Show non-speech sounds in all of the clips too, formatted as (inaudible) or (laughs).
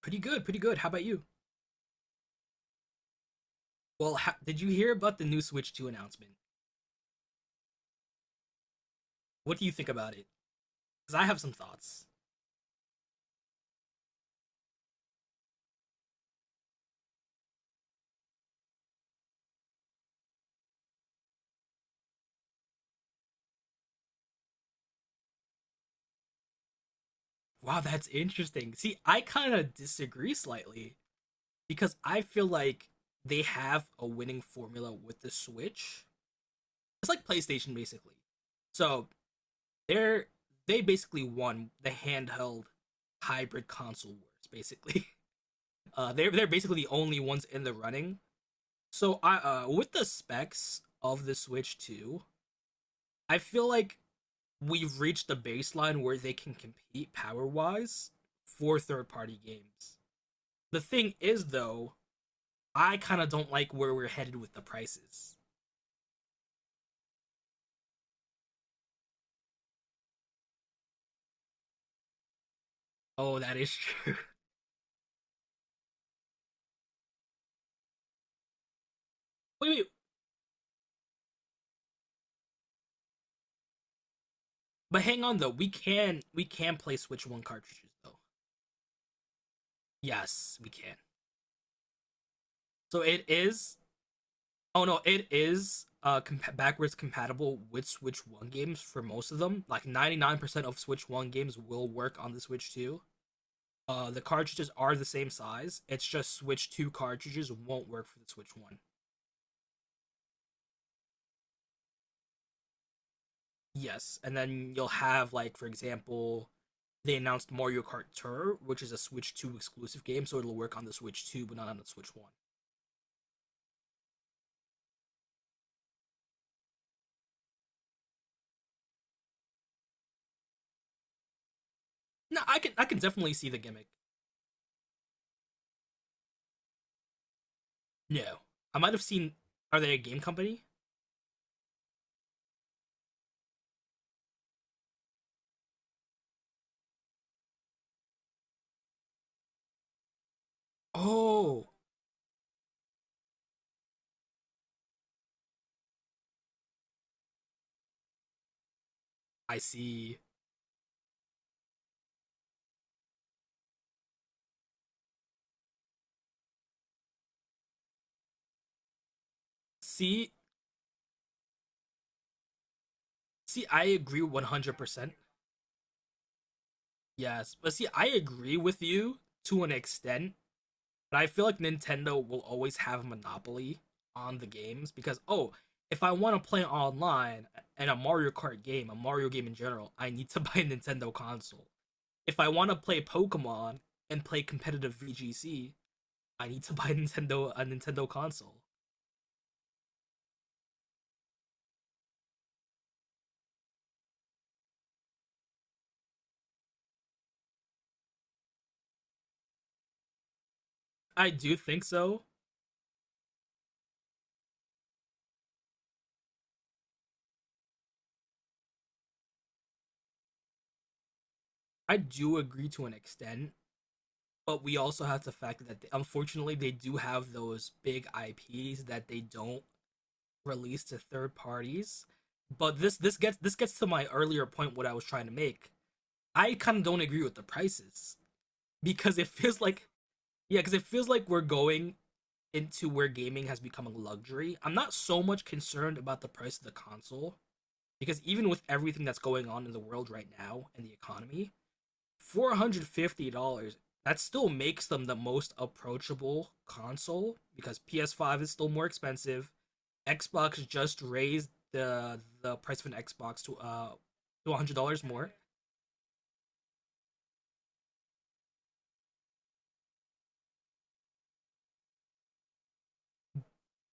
Pretty good, pretty good. How about you? Well, did you hear about the new Switch 2 announcement? What do you think about it? Because I have some thoughts. Wow, that's interesting. See, I kind of disagree slightly because I feel like they have a winning formula with the Switch. It's like PlayStation basically. So, they're they basically won the handheld hybrid console wars basically. (laughs) They're basically the only ones in the running. So, I with the specs of the Switch 2, I feel like we've reached the baseline where they can compete power wise for third party games. The thing is, though, I kind of don't like where we're headed with the prices. Oh, that is true. (laughs) wait, wait, but hang on though. We can play Switch One cartridges though. Yes, we can. So it is. Oh no, it is backwards compatible with Switch One games for most of them. Like 99% of Switch One games will work on the Switch Two. The cartridges are the same size. It's just Switch 2 cartridges won't work for the Switch 1. Yes. And then you'll have, like, for example, they announced Mario Kart Tour, which is a Switch 2 exclusive game, so it'll work on the Switch 2, but not on the Switch 1. No, I can definitely see the gimmick. No. I might have seen. Are they a game company? Oh, I see. See, see, I agree 100%. Yes, but see I agree with you to an extent. But I feel like Nintendo will always have a monopoly on the games because, oh, if I want to play online and a Mario Kart game, a Mario game in general, I need to (laughs) buy a Nintendo console. If I want to play Pokemon and play competitive VGC, I need to (laughs) buy Nintendo a Nintendo console. I do think so. I do agree to an extent, but we also have to factor that unfortunately they do have those big IPs that they don't released to third parties. But this gets to my earlier point what I was trying to make. I kind of don't agree with the prices because it feels like yeah, because it feels like we're going into where gaming has become a luxury. I'm not so much concerned about the price of the console because even with everything that's going on in the world right now and the economy, $450 that still makes them the most approachable console because PS5 is still more expensive. Xbox just raised the price of an Xbox to $100 more.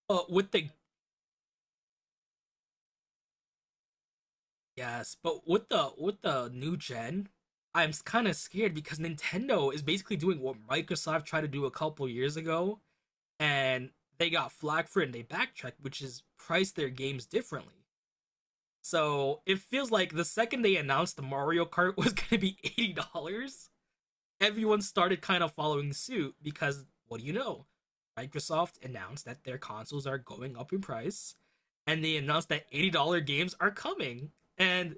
But with the yes, but with the new gen, I'm kind of scared because Nintendo is basically doing what Microsoft tried to do a couple years ago, and they got flack for it and they backtracked, which is price their games differently. So it feels like the second they announced the Mario Kart (laughs) was gonna be $80, everyone started kind of following suit because what do you know? Microsoft announced that their consoles are going up in price, and they announced that $80 games are coming. And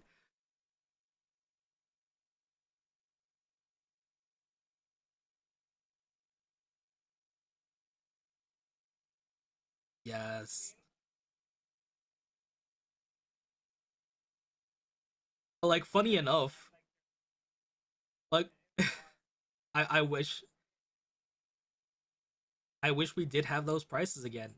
yes, like funny enough, like (laughs) I, I wish I wish we did have those prices again.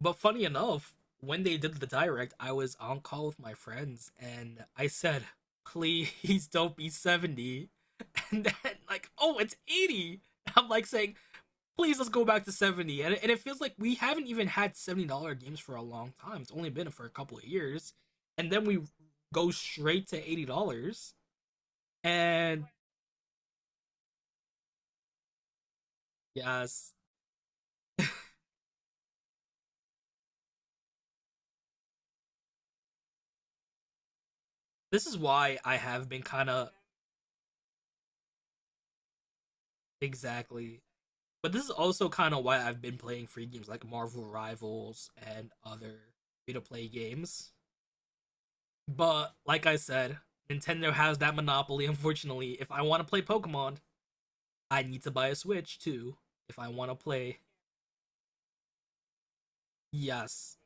But funny enough, when they did the direct, I was on call with my friends, and I said, "Please don't be 70" (laughs) And then like, oh, it's 80. I'm like saying, please let's go back to 70. And it feels like we haven't even had $70 games for a long time. It's only been for a couple of years, and then we go straight to $80. And yes, this is why I have been kind of, exactly, but this is also kind of why I've been playing free games like Marvel Rivals and other free to play games. But like I said, Nintendo has that monopoly. Unfortunately, if I want to play Pokemon, I need to buy a Switch too. If I want to play, yes,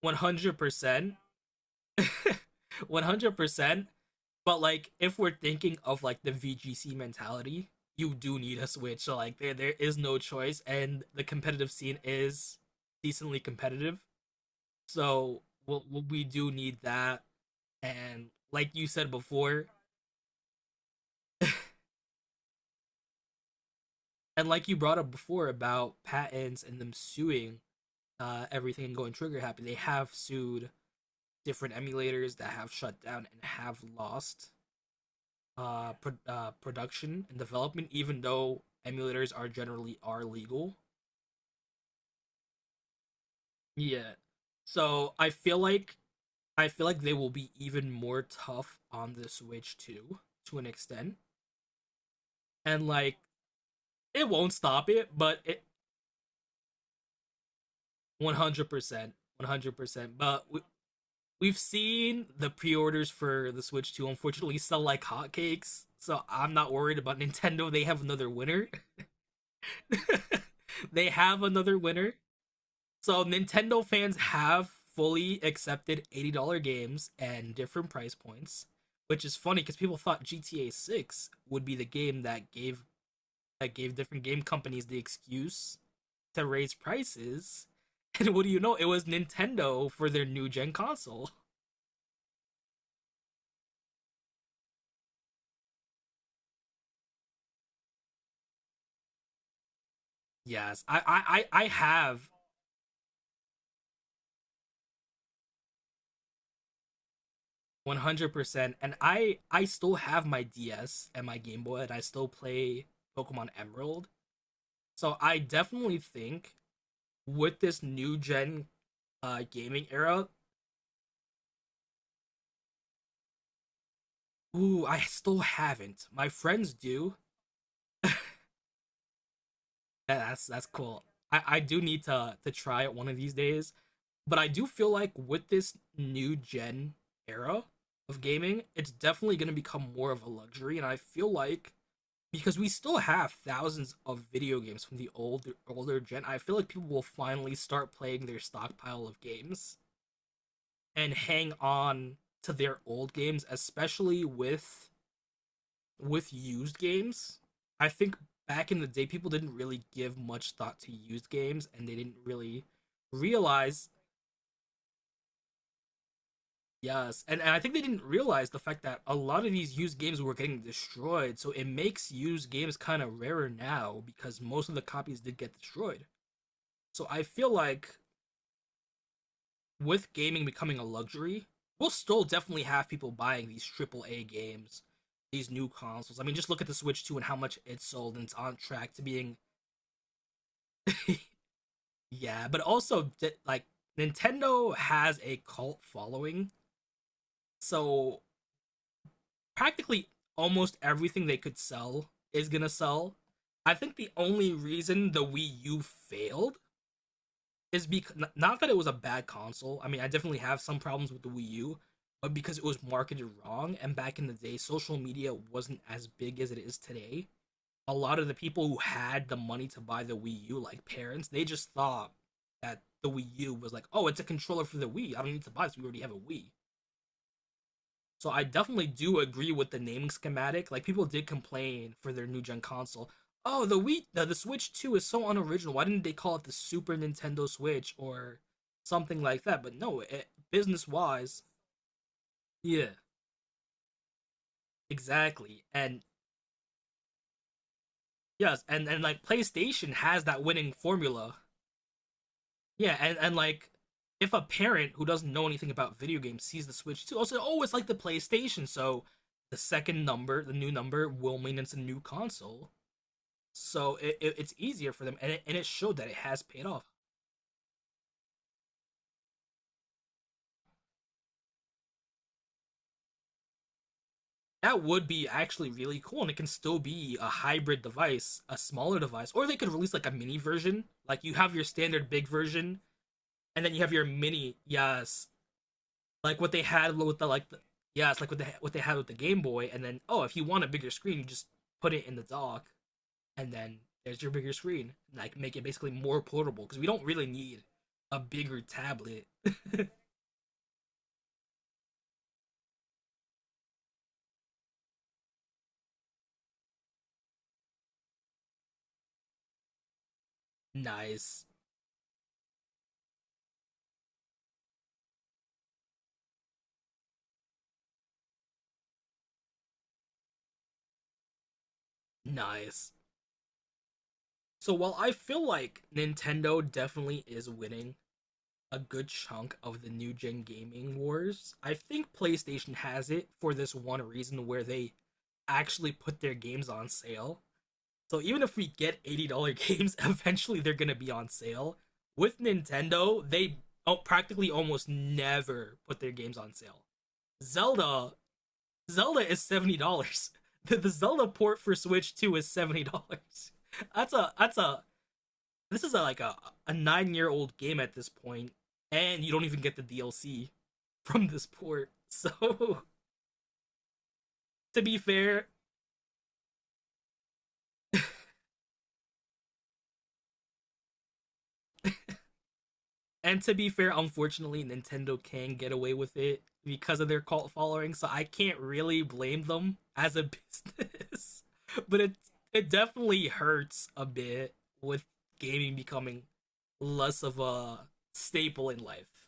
100%. 100%. (laughs) But like if we're thinking of like the VGC mentality, you do need a switch. So like there is no choice, and the competitive scene is decently competitive. So we do need that, and like you said before, and like you brought up before about patents and them suing everything and going trigger happy, they have sued different emulators that have shut down and have lost production and development, even though emulators are generally are legal. Yeah. So I feel like they will be even more tough on the Switch too, to an extent. And like it won't stop it, but it 100%, 100%. But we've seen the pre-orders for the Switch 2 unfortunately sell like hotcakes. So I'm not worried about (laughs) Nintendo. They have another winner. (laughs) They have another winner. So Nintendo fans have fully accepted $80 games and different price points, which is funny because people thought GTA 6 would be the game that gave, that gave different game companies the excuse to raise prices. (laughs) And what do you know? It was Nintendo for their new gen console. Yes, I have 100%, and I still have my DS and my Game Boy, and I still play Pokemon Emerald. So I definitely think with this new gen gaming era. Ooh, I still haven't. My friends do. That's cool. I do need to try it one of these days. But I do feel like with this new gen era of gaming, it's definitely gonna become more of a luxury. And I feel like because we still have thousands of video games from the older gen, I feel like people will finally start playing their stockpile of games and hang on to their old games, especially with used games. I think back in the day people didn't really give much thought to used games, and they didn't really realize. Yes, and I think they didn't realize the fact that a lot of these used games were getting destroyed, so it makes used games kind of rarer now because most of the copies did get destroyed. So I feel like with gaming becoming a luxury, we'll still definitely have people buying these triple A games, these new consoles. I mean, just look at the Switch 2 and how much it sold, and it's on track to being (laughs) Yeah, but also like Nintendo has a cult following, so practically almost everything they could sell is gonna sell. I think the only reason the Wii U failed is because, not that it was a bad console. I mean, I definitely have some problems with the Wii U, but because it was marketed wrong, and back in the day, social media wasn't as big as it is today. A lot of the people who had the money to buy the Wii U, like parents, they just thought that the Wii U was like, oh, it's a controller for the Wii. I don't need to buy this. We already have a Wii. So I definitely do agree with the naming schematic. Like people did complain for their new gen console. Oh, the Wii, the Switch 2 is so unoriginal. Why didn't they call it the Super Nintendo Switch or something like that? But no, it, business wise, yeah, exactly. And yes, and like PlayStation has that winning formula. Yeah, and like if a parent who doesn't know anything about video games sees the Switch too, also, oh, it's like the PlayStation, so the second number, the new number, will mean it's a new console. So it's easier for them, and it showed that it has paid off. That would be actually really cool, and it can still be a hybrid device, a smaller device, or they could release like a mini version. Like you have your standard big version, and then you have your mini. Yes, like what they had with the like the, yeah, it's like what they had with the Game Boy, and then, oh, if you want a bigger screen, you just put it in the dock, and then there's your bigger screen. Like make it basically more portable because we don't really need a bigger tablet. (laughs) Nice, nice. So while I feel like Nintendo definitely is winning a good chunk of the new gen gaming wars, I think PlayStation has it for this one reason where they actually put their games on sale. So even if we get $80 (laughs) games, eventually they're going to be on sale. With Nintendo, they, oh, practically almost never put their games on sale. Zelda, Zelda is $70. (laughs) The Zelda port for Switch 2 is $70. (laughs) That's a, that's a, this is, like, a 9-year-old game at this point, and you don't even get the DLC from this port. (laughs) To be fair, And to be fair, unfortunately, Nintendo can get away with it because of their cult following, so I can't really blame them as a business. (laughs) But it definitely hurts a bit with gaming becoming less of a staple in life.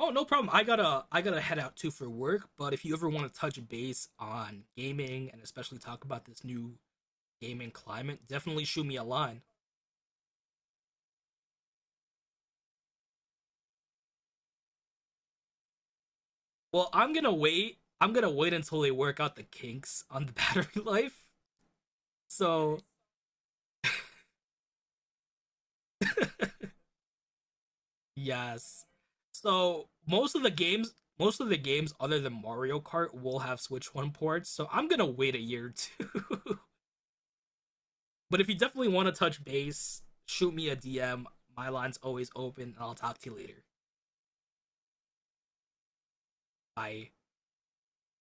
Oh, no problem. I gotta head out too for work, but if you ever want to touch base on gaming and especially talk about this new gaming climate, definitely shoot me a line. Well, I'm gonna wait. I'm gonna wait until they work out the kinks on the (laughs) battery life. So yes. So most of the games other than Mario Kart will have Switch One ports. So I'm gonna wait a year or two. (laughs) But if you definitely want to touch base, shoot me a DM. My line's always open, and I'll talk to you later. Bye.